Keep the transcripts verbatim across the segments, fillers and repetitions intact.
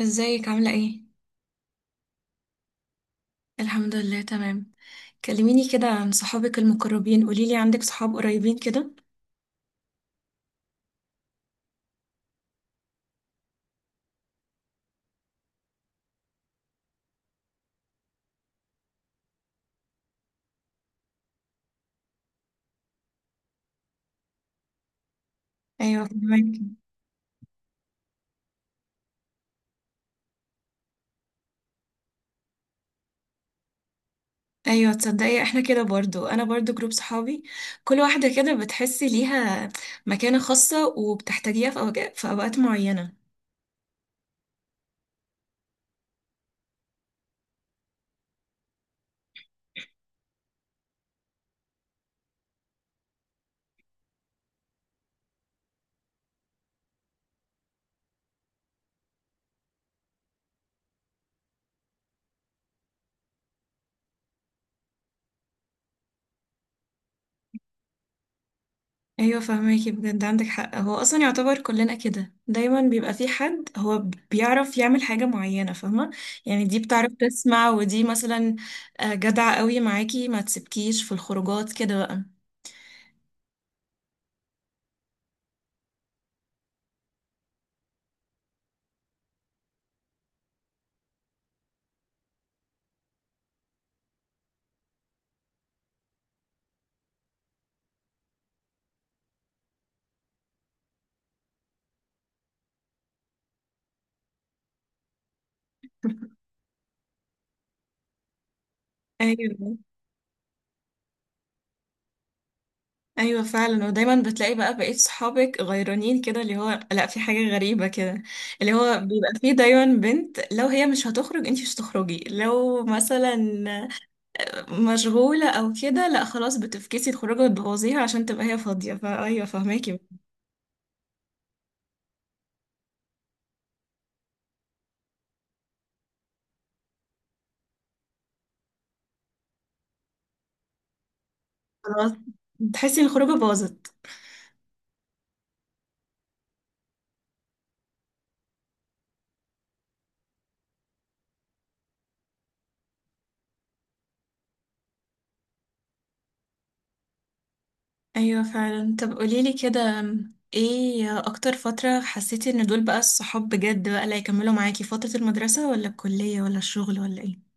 ازيك عاملة ايه؟ الحمد لله تمام. كلميني كده عن صحابك المقربين، قوليلي عندك صحاب قريبين كده؟ ايوه فهمك. ايوه تصدقي احنا كده برضو، انا برضو جروب صحابي كل واحدة كده بتحسي ليها مكانة خاصة وبتحتاجيها في أوجا- في اوقات معينة. ايوه فهماكي بجد عندك حق، هو اصلا يعتبر كلنا كده دايما بيبقى في حد هو بيعرف يعمل حاجه معينه فاهمه، يعني دي بتعرف تسمع ودي مثلا آه، جدعه قوي معاكي ما تسيبكيش في الخروجات كده بقى. ايوه. ايوه فعلا، ودايما بتلاقي بقى بقيت صحابك غيرانين كده، اللي هو لا في حاجه غريبه كده اللي هو بيبقى فيه دايما بنت لو هي مش هتخرج انتي مش هتخرجي، لو مثلا مشغولة أو كده لأ خلاص بتفكسي الخروجة وتبوظيها عشان تبقى هي فاضية، فأيوه فهماكي. خلاص، بتحسي إن الخروجة باظت. أيوه فعلا، طب قوليلي كده ايه أكتر فترة حسيتي إن دول بقى الصحاب بجد بقى اللي هيكملوا معاكي، فترة المدرسة ولا الكلية ولا الشغل ولا ايه؟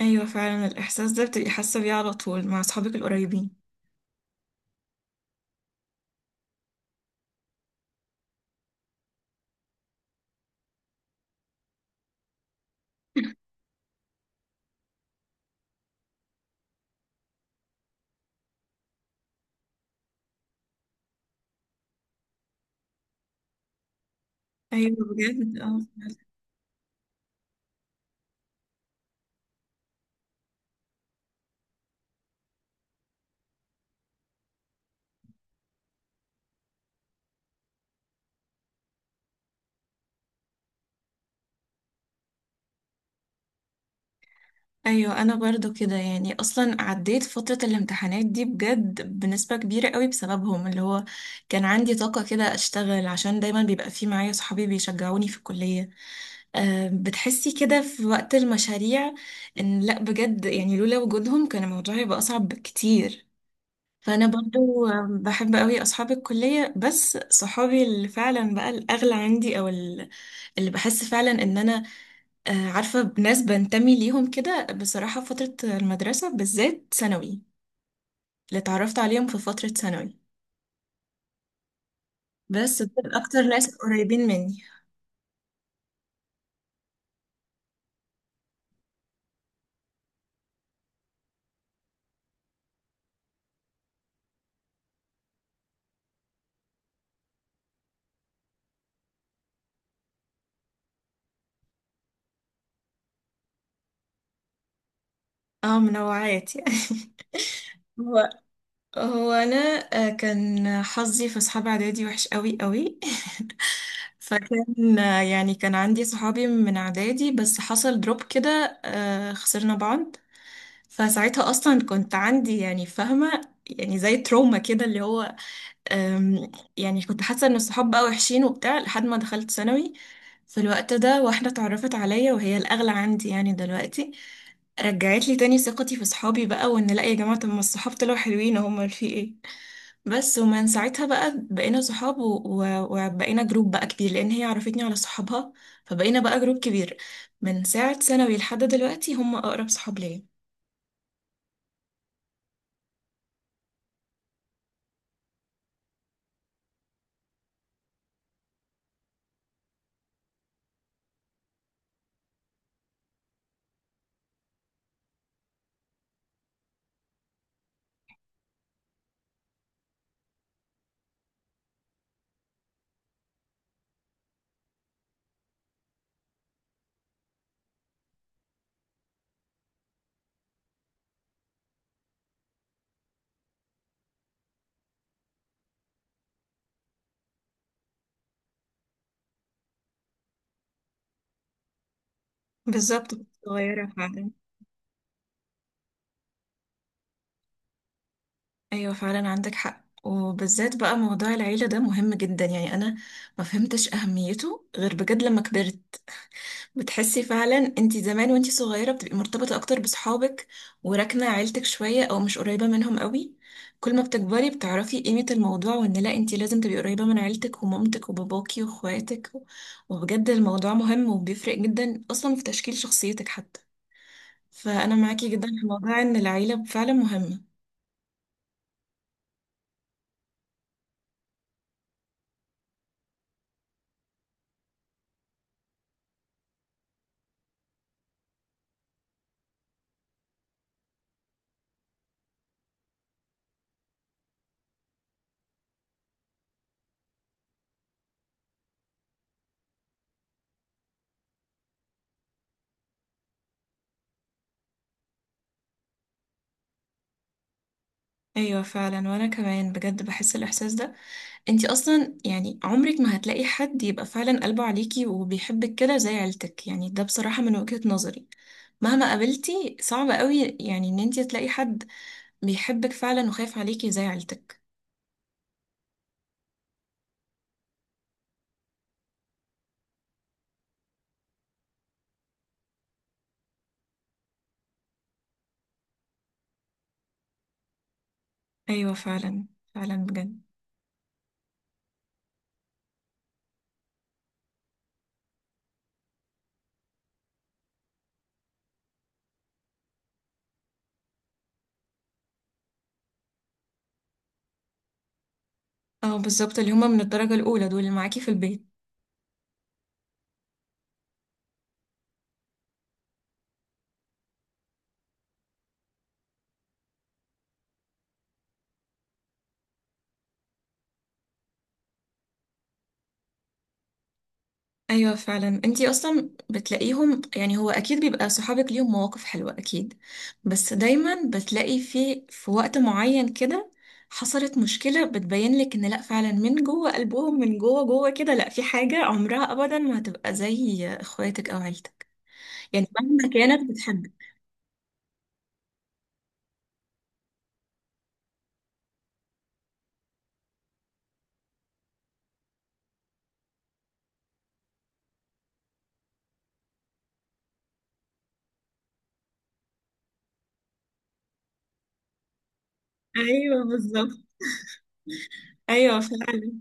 أيوه فعلا، الإحساس ده بتبقي حاسة بيه على طول مع أصحابك القريبين. أيوه بجد اه. ايوه انا برضو كده، يعني اصلا عديت فترة الامتحانات دي بجد بنسبة كبيرة قوي بسببهم، اللي هو كان عندي طاقة كده اشتغل عشان دايما بيبقى في معايا صحابي بيشجعوني في الكلية. آه، بتحسي كده في وقت المشاريع ان لا بجد يعني لولا وجودهم كان الموضوع يبقى اصعب بكتير. فانا برضو آه، بحب قوي اصحاب الكلية، بس صحابي اللي فعلا بقى الاغلى عندي، او ال- اللي بحس فعلا ان انا آه، عارفة بناس بنتمي ليهم كده، بصراحة فترة المدرسة بالذات ثانوي، اللي اتعرفت عليهم في فترة ثانوي بس دول أكتر ناس قريبين مني. اه منوعات يعني. هو هو أنا آه، كان حظي في أصحاب إعدادي وحش قوي قوي. فكان آه، يعني كان عندي صحابي من إعدادي بس حصل دروب كده آه، خسرنا بعض. فساعتها أصلا كنت عندي يعني فاهمة يعني زي تروما كده، اللي هو أم، يعني كنت حاسة ان الصحاب بقى وحشين وبتاع لحد ما دخلت ثانوي. في الوقت ده واحدة اتعرفت عليا وهي الأغلى عندي يعني دلوقتي، رجعت لي تاني ثقتي في صحابي بقى، وان لا يا جماعة طب ما الصحاب طلعوا حلوين هم في ايه. بس ومن ساعتها بقى بقينا صحاب و- و- وبقينا جروب بقى كبير لأن هي عرفتني على صحابها فبقينا بقى جروب كبير. من ساعة ثانوي لحد دلوقتي هم أقرب صحاب ليا. بالظبط. صغيرة. ايوه فعلا عندك حق، وبالذات بقى موضوع العيلة ده مهم جدا، يعني انا ما فهمتش اهميته غير بجد لما كبرت. بتحسي فعلا انتي زمان وانتي صغيرة بتبقي مرتبطة اكتر بصحابك وراكنة عيلتك شوية او مش قريبة منهم قوي. كل ما بتكبري بتعرفي قيمة الموضوع وان لا انتي لازم تبقي قريبة من عيلتك ومامتك وباباكي واخواتك. وبجد الموضوع مهم وبيفرق جدا اصلا في تشكيل شخصيتك حتى. فانا معاكي جدا في موضوع ان العيلة فعلا مهمة. ايوه فعلا، وانا كمان بجد بحس الاحساس ده. انتي اصلا يعني عمرك ما هتلاقي حد يبقى فعلا قلبه عليكي وبيحبك كده زي عيلتك، يعني ده بصراحة من وجهة نظري مهما قابلتي صعب قوي يعني ان انتي تلاقي حد بيحبك فعلا وخايف عليكي زي عيلتك. ايوه فعلا. فعلا بجد. اه بالظبط، اللي هما من الدرجة الاولى دول اللي معاكي في البيت. ايوه فعلا، انتي اصلا بتلاقيهم يعني هو اكيد بيبقى صحابك ليهم مواقف حلوه اكيد، بس دايما بتلاقي في في وقت معين كده حصلت مشكله بتبين لك ان لا فعلا من جوه قلبهم، من جوه جوه كده لا في حاجه عمرها ابدا ما هتبقى زي اخواتك او عيلتك. يعني مهما كانت بتحبك. ايوه بالظبط. ايوه فعلا.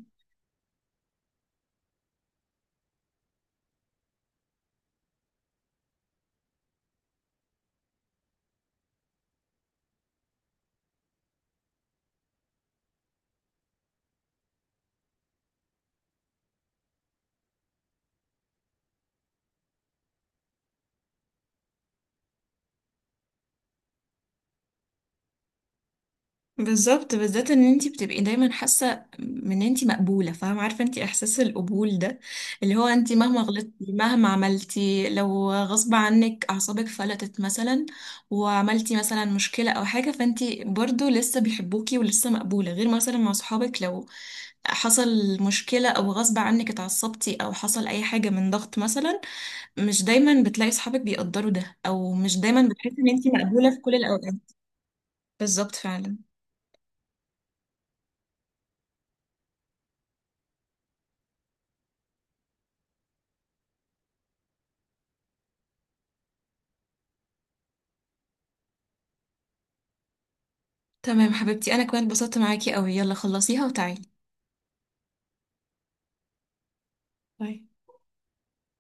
بالظبط، بالذات ان انت بتبقي دايما حاسه ان انت مقبوله، فاهمه عارفه انت احساس القبول ده، اللي هو انت مهما غلطتي مهما عملتي لو غصب عنك اعصابك فلتت مثلا وعملتي مثلا مشكله او حاجه، فانت برضو لسه بيحبوكي ولسه مقبوله، غير مثلا مع صحابك لو حصل مشكله او غصب عنك اتعصبتي او حصل اي حاجه من ضغط مثلا، مش دايما بتلاقي صحابك بيقدروا ده او مش دايما بتحسي ان انت مقبوله في كل الاوقات. بالظبط فعلا. تمام حبيبتي، انا كمان اتبسطت معاكي قوي، يلا خلصيها وتعالي. باي.